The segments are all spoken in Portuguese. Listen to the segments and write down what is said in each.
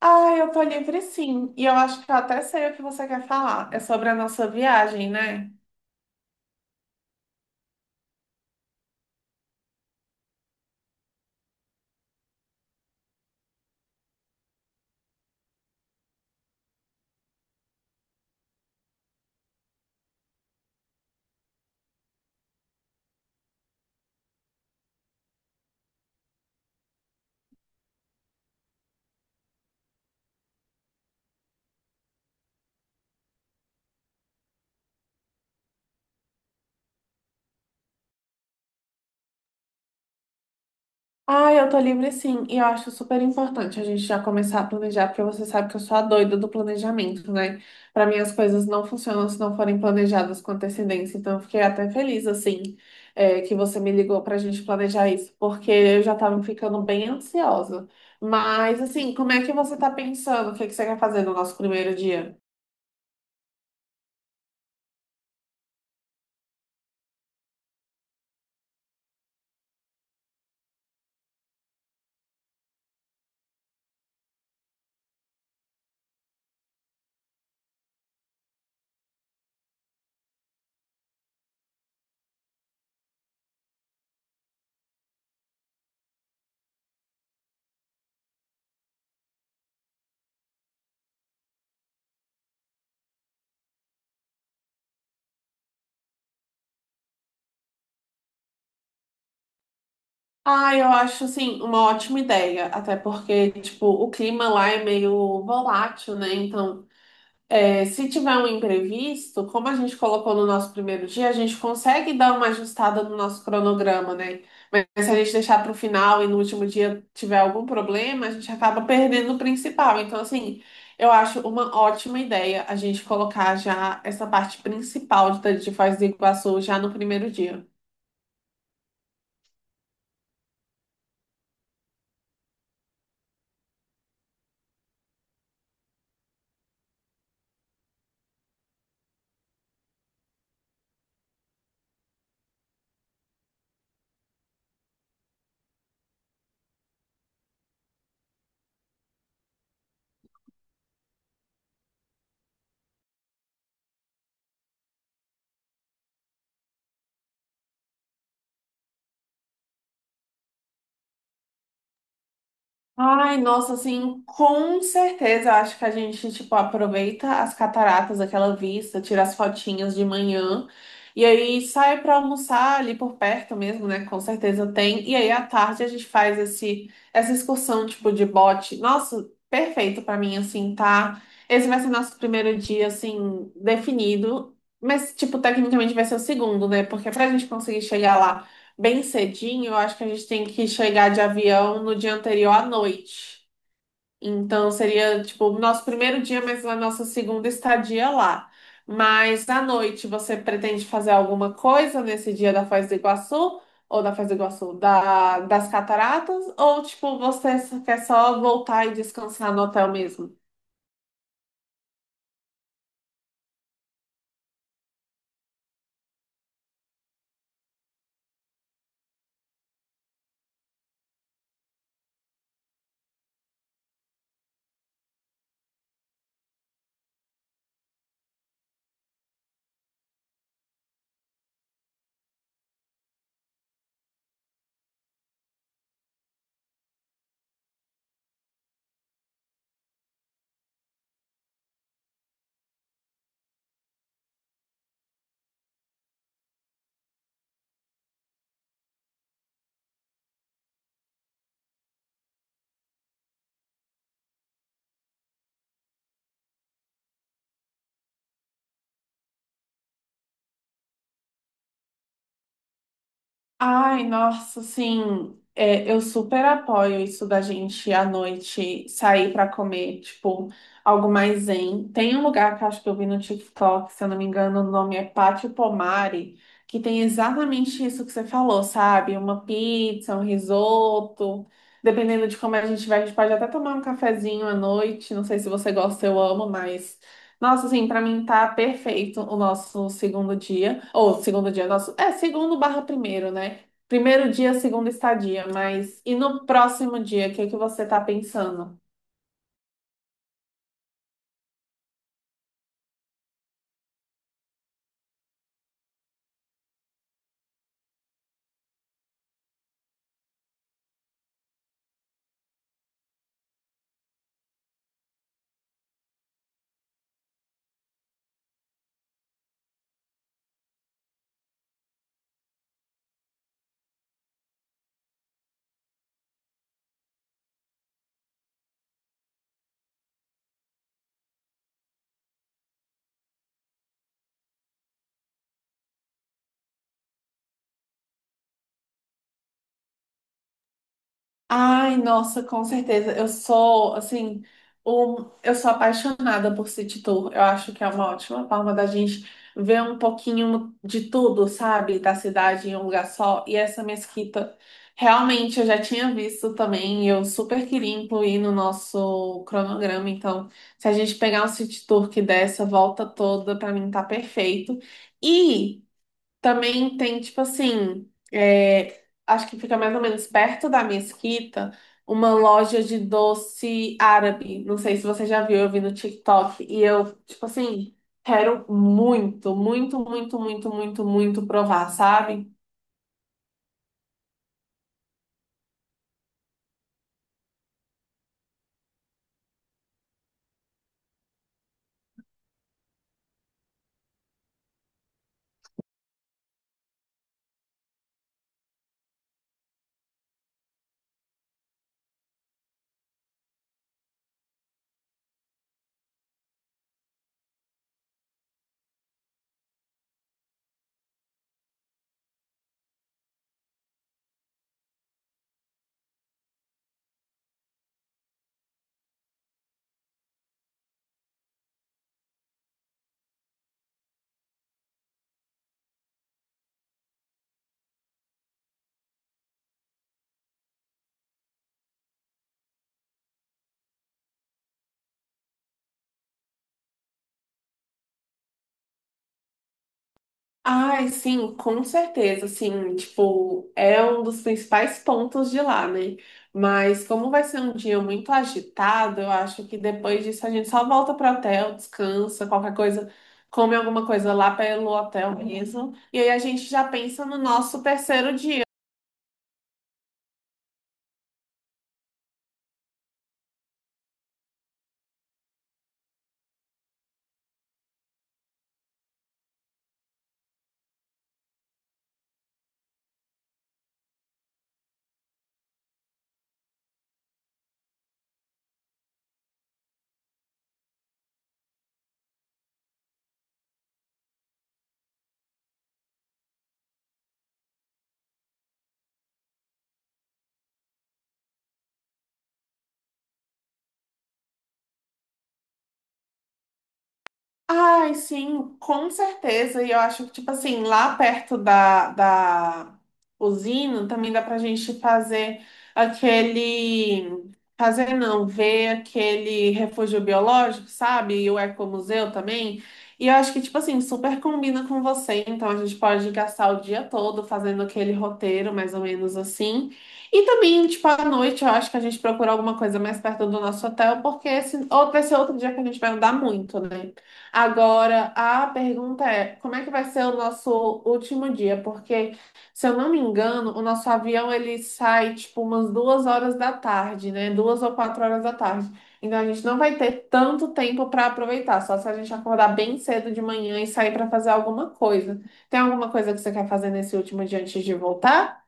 Ah, eu tô livre sim. E eu acho que eu até sei o que você quer falar. É sobre a nossa viagem, né? Ah, eu tô livre sim. E eu acho super importante a gente já começar a planejar, porque você sabe que eu sou a doida do planejamento, né? Pra mim as coisas não funcionam se não forem planejadas com antecedência. Então eu fiquei até feliz, assim, que você me ligou pra gente planejar isso, porque eu já tava ficando bem ansiosa. Mas, assim, como é que você tá pensando? O que que você quer fazer no nosso primeiro dia? Ah, eu acho, assim, uma ótima ideia, até porque, tipo, o clima lá é meio volátil, né? Então, se tiver um imprevisto, como a gente colocou no nosso primeiro dia, a gente consegue dar uma ajustada no nosso cronograma, né? Mas se a gente deixar para o final e no último dia tiver algum problema, a gente acaba perdendo o principal. Então, assim, eu acho uma ótima ideia a gente colocar já essa parte principal de Foz do Iguaçu já no primeiro dia. Ai, nossa, assim, com certeza. Acho que a gente, tipo, aproveita as cataratas, aquela vista, tira as fotinhas de manhã e aí sai pra almoçar ali por perto mesmo, né? Com certeza tem. E aí à tarde a gente faz essa excursão, tipo, de bote. Nossa, perfeito pra mim, assim, tá? Esse vai ser nosso primeiro dia, assim, definido. Mas, tipo, tecnicamente vai ser o segundo, né? Porque pra gente conseguir chegar lá, bem cedinho, eu acho que a gente tem que chegar de avião no dia anterior à noite. Então seria tipo o nosso primeiro dia, mas a nossa segunda estadia lá. Mas à noite você pretende fazer alguma coisa nesse dia da Foz do Iguaçu? Ou da Foz do Iguaçu, das cataratas? Ou tipo, você quer só voltar e descansar no hotel mesmo? Ai, nossa, assim, eu super apoio isso da gente à noite sair pra comer, tipo, algo mais zen. Tem um lugar que eu acho que eu vi no TikTok, se eu não me engano, o nome é Pátio Pomari, que tem exatamente isso que você falou, sabe? Uma pizza, um risoto. Dependendo de como a gente vai, a gente pode até tomar um cafezinho à noite. Não sei se você gosta, eu amo, mas. Nossa, assim, pra mim tá perfeito o nosso segundo dia. Ou segundo dia, nosso. É, segundo barra primeiro, né? Primeiro dia, segunda estadia. Mas e no próximo dia, o que que você tá pensando? Ai, nossa, com certeza. Eu sou, assim, um, eu sou apaixonada por City Tour. Eu acho que é uma ótima forma da gente ver um pouquinho de tudo, sabe? Da cidade em um lugar só. E essa mesquita, realmente, eu já tinha visto também, e eu super queria incluir no nosso cronograma. Então, se a gente pegar um City Tour que dê essa volta toda, pra mim tá perfeito. E também tem, tipo assim, é, acho que fica mais ou menos perto da Mesquita, uma loja de doce árabe. Não sei se você já viu, eu vi no TikTok. E eu, tipo assim, quero muito, muito, muito, muito, muito, muito provar, sabe? Ai, sim, com certeza, assim, tipo, é um dos principais pontos de lá, né? Mas como vai ser um dia muito agitado, eu acho que depois disso a gente só volta pro hotel, descansa, qualquer coisa, come alguma coisa lá pelo hotel mesmo. E aí a gente já pensa no nosso terceiro dia. Ai, sim, com certeza. E eu acho que, tipo assim, lá perto da usina também dá pra gente fazer aquele. Fazer não, ver aquele refúgio biológico, sabe? E o ecomuseu também. E eu acho que, tipo assim, super combina com você. Então a gente pode gastar o dia todo fazendo aquele roteiro, mais ou menos assim. E também, tipo, à noite, eu acho que a gente procura alguma coisa mais perto do nosso hotel, porque esse outro dia que a gente vai andar muito, né? Agora, a pergunta é, como é que vai ser o nosso último dia? Porque, se eu não me engano, o nosso avião ele sai tipo umas 14 horas da tarde, né? Duas ou 16 horas da tarde. Então a gente não vai ter tanto tempo para aproveitar, só se a gente acordar bem cedo de manhã e sair para fazer alguma coisa. Tem alguma coisa que você quer fazer nesse último dia antes de voltar?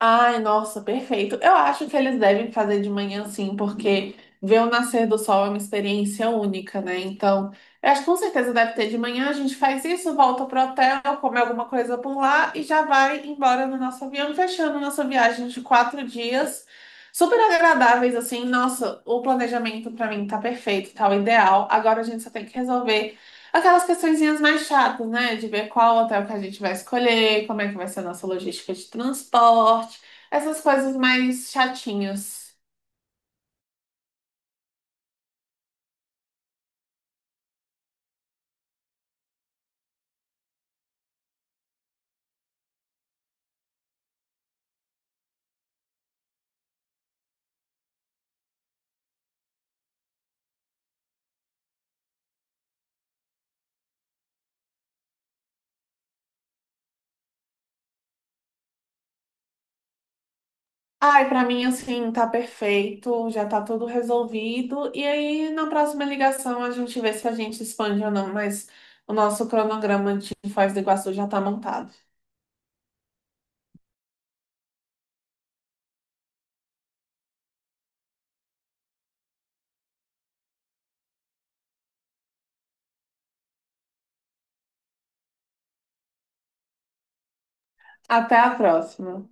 Ai, nossa, perfeito. Eu acho que eles devem fazer de manhã sim, porque ver o nascer do sol é uma experiência única, né? Então, eu acho que com certeza deve ter de manhã. A gente faz isso, volta pro hotel, come alguma coisa por lá e já vai embora no nosso avião, fechando nossa viagem de 4 dias. Super agradáveis, assim. Nossa, o planejamento pra mim tá perfeito, tá o ideal. Agora a gente só tem que resolver. Aquelas questõezinhas mais chatas, né? De ver qual hotel que a gente vai escolher, como é que vai ser a nossa logística de transporte, essas coisas mais chatinhas. Ai, pra mim, assim, tá perfeito, já tá tudo resolvido. E aí, na próxima ligação, a gente vê se a gente expande ou não, mas o nosso cronograma de Foz do Iguaçu já tá montado. Até a próxima.